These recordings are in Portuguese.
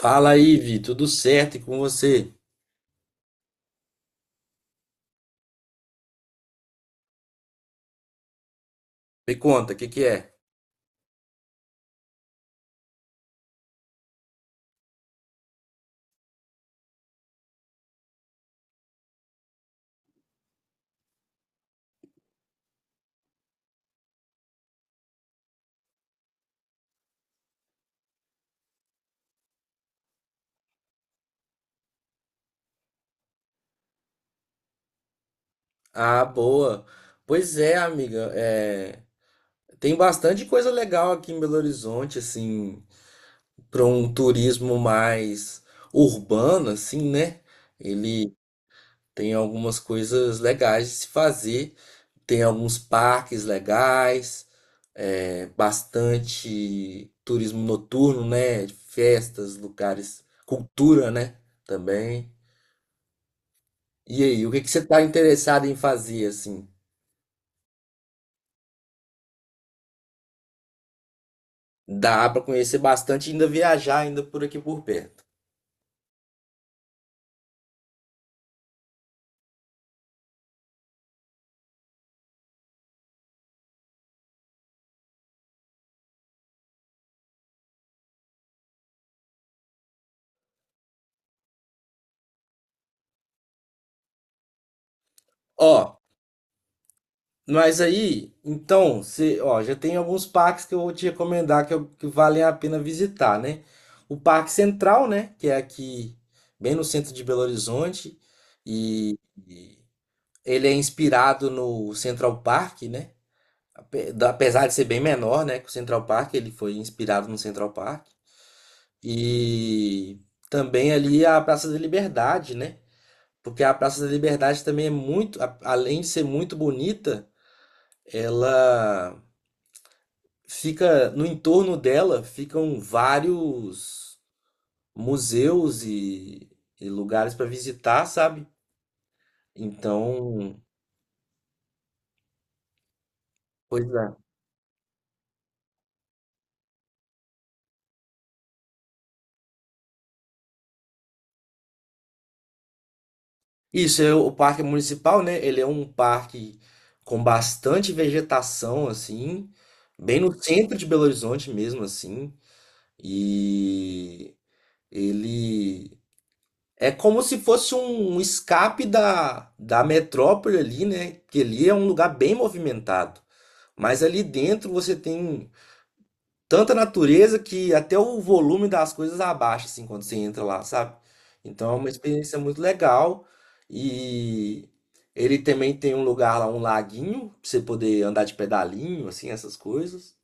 Fala aí, Vi, tudo certo e com você? Me conta, o que que é? Ah, boa. Pois é, amiga, tem bastante coisa legal aqui em Belo Horizonte, assim, para um turismo mais urbano, assim, né? Ele tem algumas coisas legais de se fazer, tem alguns parques legais, bastante turismo noturno, né? Festas, lugares, cultura, né? Também. E aí, o que que você está interessado em fazer assim? Dá para conhecer bastante e ainda viajar ainda por aqui por perto. Ó, mas aí, então, você, ó, já tem alguns parques que eu vou te recomendar que valem a pena visitar, né? O Parque Central, né, que é aqui bem no centro de Belo Horizonte e, e ele é inspirado no Central Park, né? Apesar de ser bem menor, né, que o Central Park, ele foi inspirado no Central Park. E também ali a Praça da Liberdade, né? Porque a Praça da Liberdade também é muito, além de ser muito bonita, ela fica no entorno, dela ficam vários museus e lugares para visitar, sabe? Então, pois é. Isso é o parque municipal, né? Ele é um parque com bastante vegetação assim, bem no centro de Belo Horizonte mesmo assim. E Ele é como se fosse um escape da metrópole ali, né? Que ali é um lugar bem movimentado. Mas ali dentro você tem tanta natureza que até o volume das coisas abaixa, assim, quando você entra lá, sabe? Então é uma experiência muito legal. E ele também tem um lugar lá, um laguinho, pra você poder andar de pedalinho, assim, essas coisas.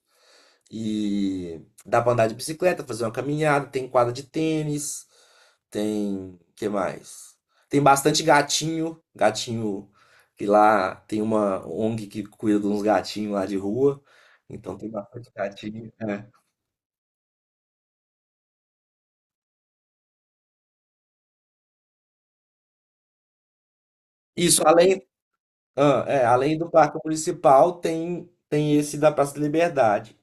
E dá pra andar de bicicleta, fazer uma caminhada, tem quadra de tênis, tem, que mais? Tem bastante gatinho, gatinho que lá tem uma ONG que cuida de uns gatinhos lá de rua, então tem bastante gatinho. É. Isso, além, além do parque municipal, tem esse da Praça da Liberdade.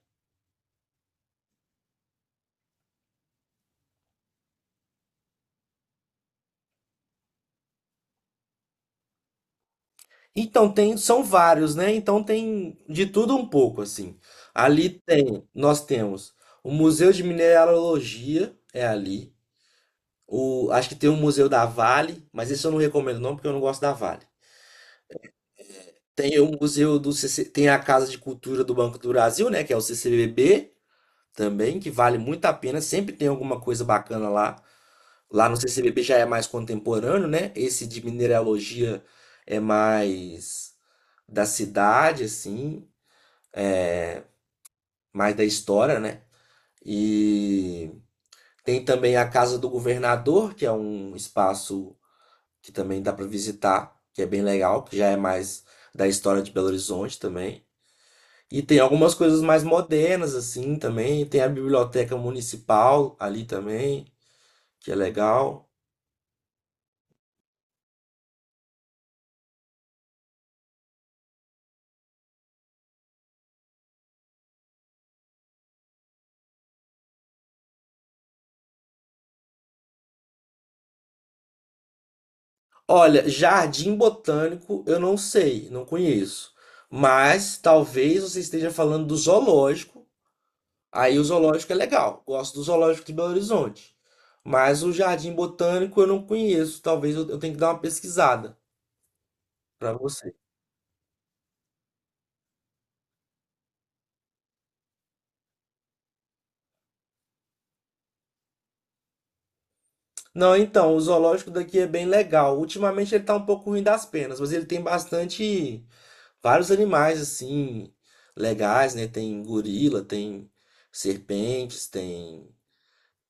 Então tem, são vários, né? Então tem de tudo um pouco assim. Ali tem, nós temos o Museu de Mineralogia é ali. O, acho que tem o Museu da Vale, mas isso eu não recomendo não porque eu não gosto da Vale. Tem o Museu do CC, tem a Casa de Cultura do Banco do Brasil, né, que é o CCBB também, que vale muito a pena, sempre tem alguma coisa bacana lá. Lá no CCBB já é mais contemporâneo, né? Esse de mineralogia é mais da cidade, assim, mais da história, né? E tem também a Casa do Governador, que é um espaço que também dá para visitar, que é bem legal, que já é mais da história de Belo Horizonte também. E tem algumas coisas mais modernas assim também, tem a biblioteca municipal ali também, que é legal. Olha, Jardim Botânico eu não sei, não conheço. Mas talvez você esteja falando do zoológico. Aí o zoológico é legal, gosto do zoológico de Belo Horizonte. Mas o Jardim Botânico eu não conheço, talvez eu tenha que dar uma pesquisada para você. Não, então, o zoológico daqui é bem legal. Ultimamente ele tá um pouco ruim das penas, mas ele tem bastante, vários animais assim, legais, né? Tem gorila, tem serpentes, tem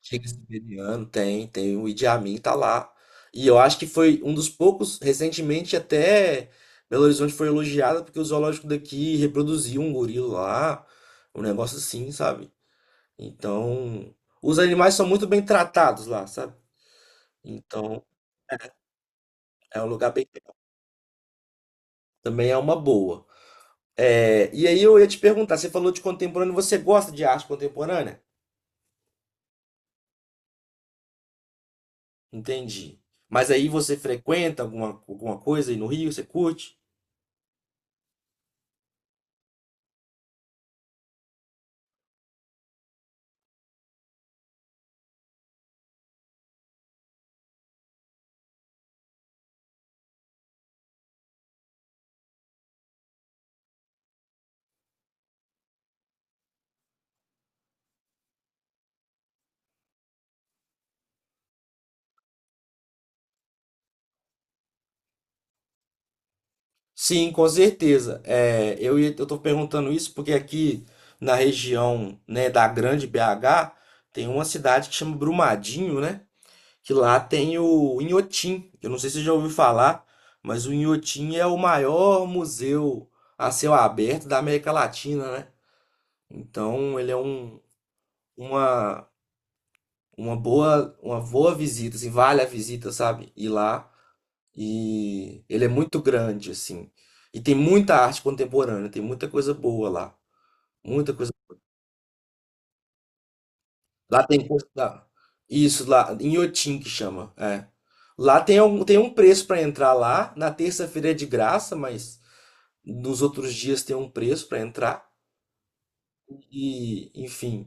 Shakespeareano, tem. O Idi Amin tá lá. E eu acho que foi um dos poucos, recentemente até Belo Horizonte foi elogiada porque o zoológico daqui reproduziu um gorila lá, um negócio assim, sabe? Então, os animais são muito bem tratados lá, sabe? Então, é um lugar bem, também é uma boa. É, e aí eu ia te perguntar, você falou de contemporâneo, você gosta de arte contemporânea? Entendi. Mas aí você frequenta alguma coisa aí no Rio, você curte? Sim, com certeza. Eu tô perguntando isso porque aqui na região, né, da Grande BH, tem uma cidade que chama Brumadinho, né? Que lá tem o Inhotim. Eu não sei se você já ouviu falar, mas o Inhotim é o maior museu a céu aberto da América Latina, né? Então, ele é um, uma, uma boa visita, assim, vale a visita, sabe? Ir lá. E ele é muito grande, assim. E tem muita arte contemporânea, tem muita coisa boa lá. Muita coisa. Lá tem. Coisa- lá- Isso, lá, em Inhotim que chama. É. Lá tem um preço para entrar lá. Na terça-feira é de graça, mas nos outros dias tem um preço para entrar. E, enfim,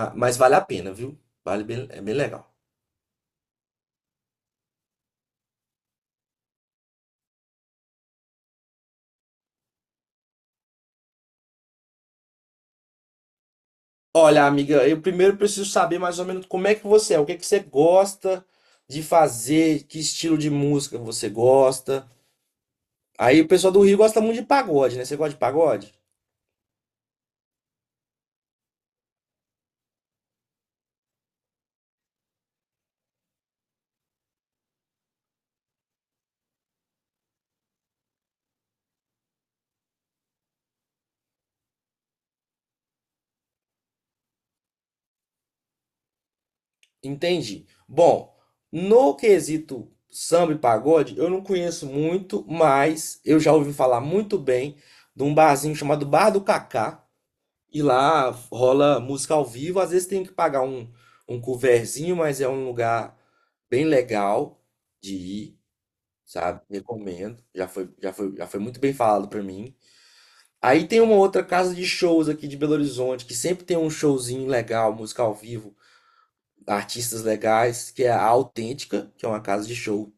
ah, mas vale a pena, viu? Vale bem, é bem legal. Olha, amiga, eu primeiro preciso saber mais ou menos como é que você é, o que é que você gosta de fazer, que estilo de música você gosta. Aí o pessoal do Rio gosta muito de pagode, né? Você gosta de pagode? Entendi. Bom, no quesito samba e pagode, eu não conheço muito, mas eu já ouvi falar muito bem de um barzinho chamado Bar do Cacá. E lá rola música ao vivo. Às vezes tem que pagar um coverzinho, mas é um lugar bem legal de ir, sabe? Recomendo. Já foi muito bem falado pra mim. Aí tem uma outra casa de shows aqui de Belo Horizonte, que sempre tem um showzinho legal, música ao vivo, artistas legais, que é a Autêntica, que é uma casa de show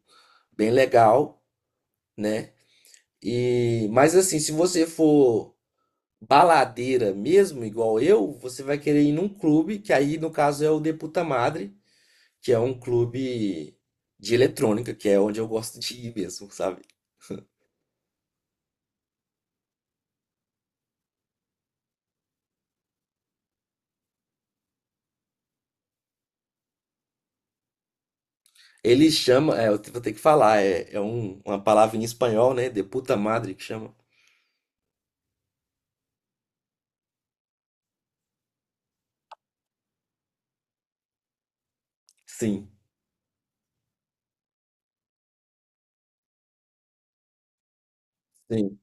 bem legal, né? E, mas assim, se você for baladeira mesmo, igual eu, você vai querer ir num clube, que aí no caso é o Deputa Madre, que é um clube de eletrônica, que é onde eu gosto de ir mesmo, sabe? Ele chama, é, eu vou ter que falar, uma palavra em espanhol, né? Deputa Madre que chama. Sim. Sim.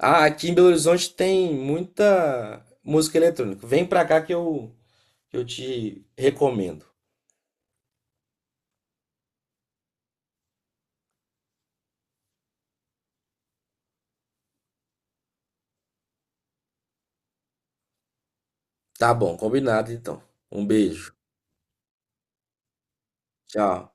Ah, aqui em Belo Horizonte tem muita música eletrônica. Vem pra cá que eu te recomendo. Tá bom, combinado então. Um beijo. Tchau.